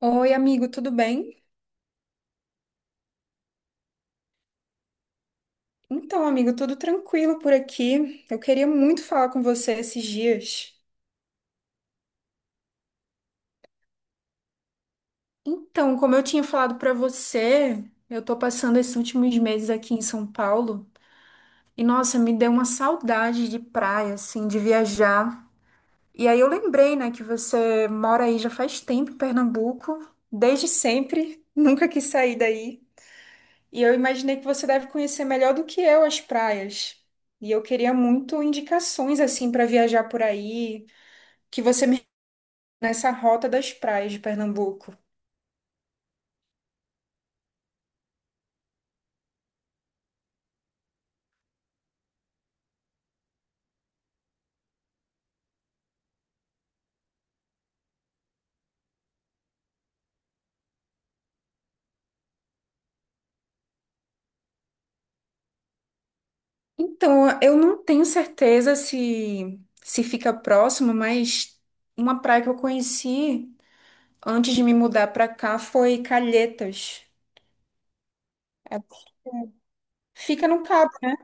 Oi, amigo, tudo bem? Então, amigo, tudo tranquilo por aqui. Eu queria muito falar com você esses dias. Então, como eu tinha falado pra você, eu tô passando esses últimos meses aqui em São Paulo e nossa, me deu uma saudade de praia, assim, de viajar. E aí eu lembrei, né, que você mora aí já faz tempo em Pernambuco, desde sempre, nunca quis sair daí. E eu imaginei que você deve conhecer melhor do que eu as praias. E eu queria muito indicações assim para viajar por aí, que você me nessa rota das praias de Pernambuco. Então, eu não tenho certeza se fica próximo, mas uma praia que eu conheci antes de me mudar para cá foi Calhetas. É, fica no Cabo, né?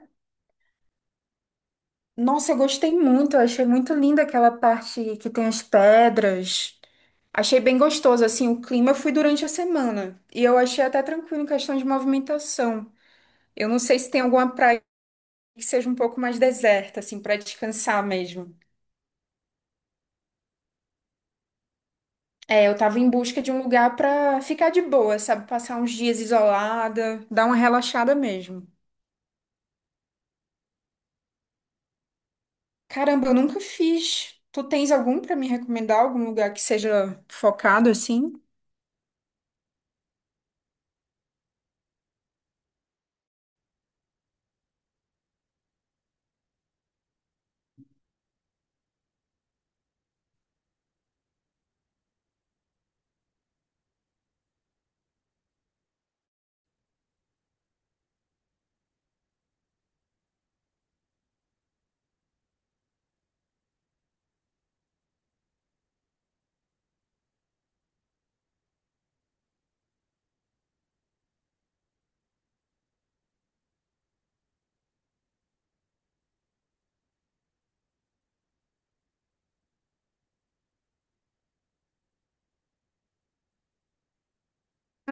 Nossa, eu gostei muito, eu achei muito linda aquela parte que tem as pedras. Achei bem gostoso, assim, o clima. Eu fui durante a semana e eu achei até tranquilo em questão de movimentação. Eu não sei se tem alguma praia que seja um pouco mais deserta, assim, para descansar mesmo. É, eu tava em busca de um lugar para ficar de boa, sabe? Passar uns dias isolada, dar uma relaxada mesmo. Caramba, eu nunca fiz. Tu tens algum para me recomendar? Algum lugar que seja focado assim?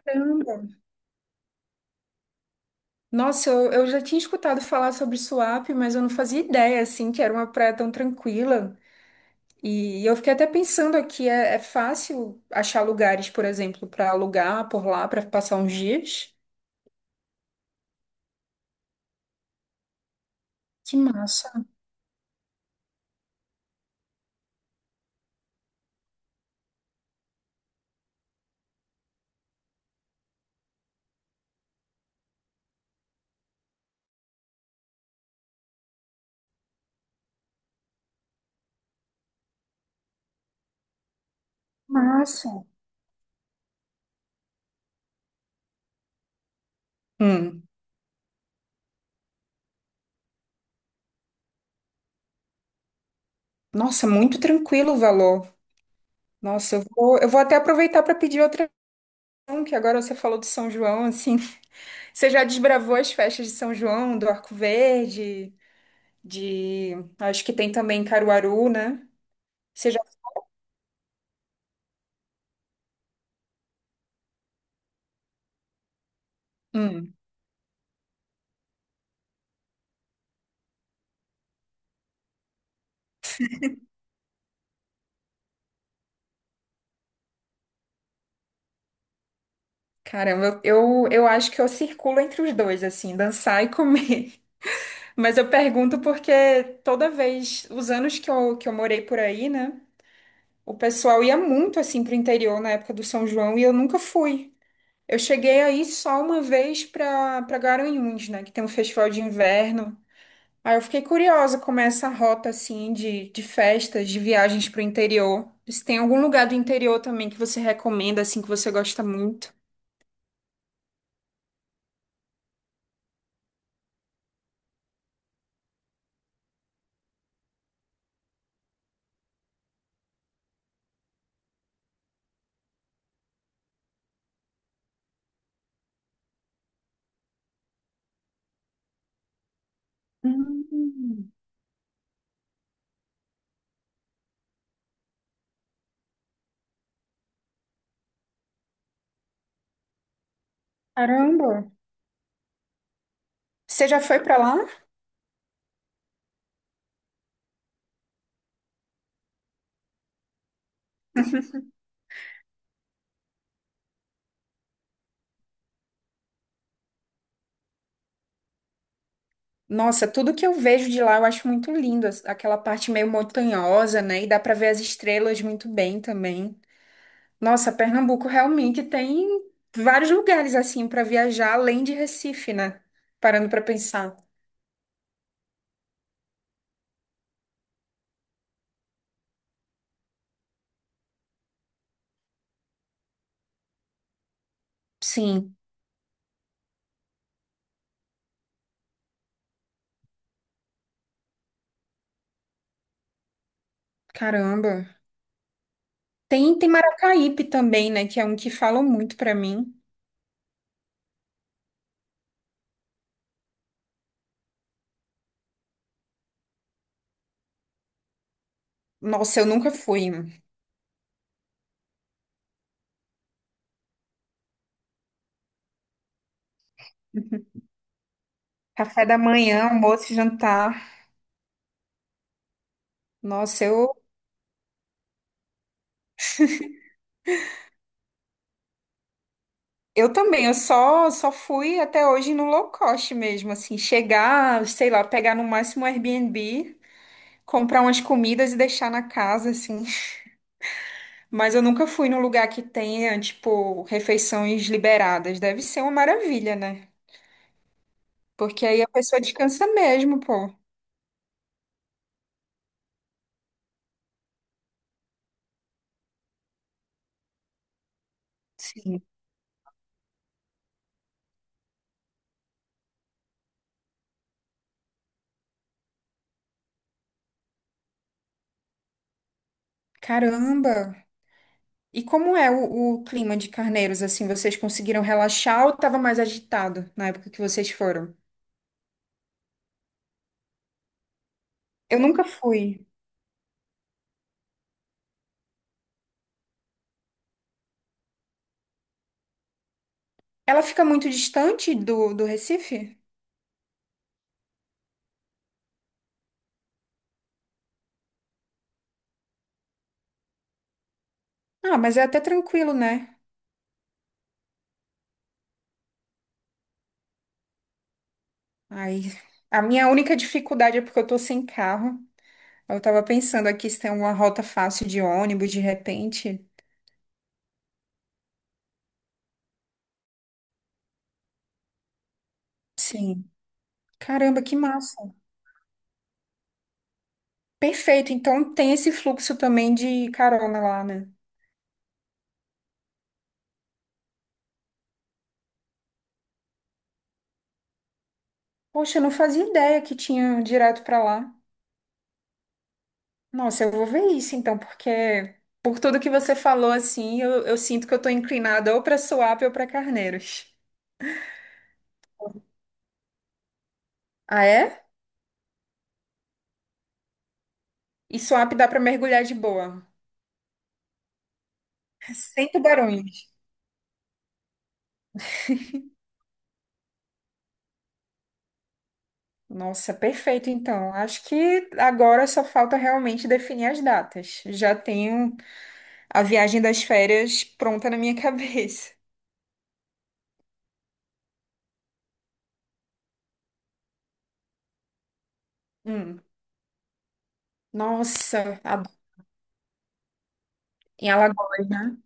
Caramba. Nossa, eu já tinha escutado falar sobre Suape, mas eu não fazia ideia, assim, que era uma praia tão tranquila. E eu fiquei até pensando aqui, é, é fácil achar lugares, por exemplo, para alugar por lá, para passar uns dias? Que massa. Massa. Hum, nossa, muito tranquilo o valor. Nossa, eu vou até aproveitar para pedir outra opção, que agora você falou de São João, assim. Você já desbravou as festas de São João, do Arco Verde, de. Acho que tem também em Caruaru, né? Você já. Hum, caramba, eu acho que eu circulo entre os dois, assim, dançar e comer. Mas eu pergunto porque toda vez, os anos que eu morei por aí, né? O pessoal ia muito assim pro interior na época do São João e eu nunca fui. Eu cheguei aí só uma vez pra Garanhuns, né? Que tem um festival de inverno. Aí eu fiquei curiosa como é essa rota assim de festas, de viagens pro interior. Se tem algum lugar do interior também que você recomenda, assim, que você gosta muito? Hum. Caramba! Você já foi pra lá? Nossa, tudo que eu vejo de lá eu acho muito lindo, as- aquela parte meio montanhosa, né? E dá para ver as estrelas muito bem também. Nossa, Pernambuco realmente tem vários lugares assim para viajar além de Recife, né? Parando para pensar. Sim, caramba. Tem, tem Maracaípe também, né? Que é um que falam muito para mim. Nossa, eu nunca fui. Café da manhã, almoço e jantar. Nossa, eu também, eu só fui até hoje no low cost mesmo, assim, chegar, sei lá, pegar no máximo um Airbnb, comprar umas comidas e deixar na casa, assim. Mas eu nunca fui num lugar que tenha, tipo, refeições liberadas. Deve ser uma maravilha, né? Porque aí a pessoa descansa mesmo, pô. Sim. Caramba! E como é o clima de Carneiros, assim, vocês conseguiram relaxar ou tava mais agitado na época que vocês foram? Eu nunca fui. Ela fica muito distante do Recife? Ah, mas é até tranquilo, né? Ai, a minha única dificuldade é porque eu tô sem carro. Eu tava pensando aqui se tem alguma rota fácil de ônibus de repente. Sim. Caramba, que massa. Perfeito. Então tem esse fluxo também de carona lá, né? Poxa, eu não fazia ideia que tinha direto pra lá. Nossa, eu vou ver isso então, porque por tudo que você falou assim, eu sinto que eu tô inclinada ou pra Suape ou pra Carneiros. Ah, é? E swap dá para mergulhar de boa. Sem tubarões. Nossa, perfeito então. Acho que agora só falta realmente definir as datas. Já tenho a viagem das férias pronta na minha cabeça. Hum. Nossa, a- em Alagoas, né?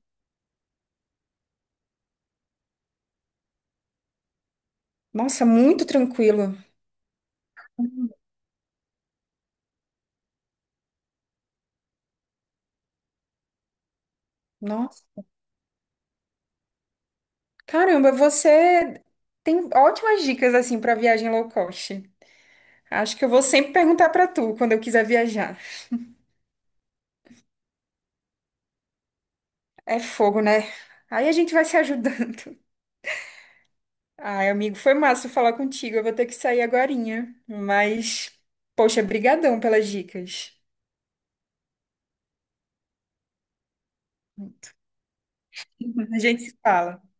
Nossa, muito tranquilo. Nossa, caramba, você tem ótimas dicas assim para viagem low cost. Acho que eu vou sempre perguntar para tu quando eu quiser viajar. É fogo, né? Aí a gente vai se ajudando. Ai, amigo, foi massa falar contigo. Eu vou ter que sair agorinha. Mas, poxa, brigadão pelas dicas. A gente se fala.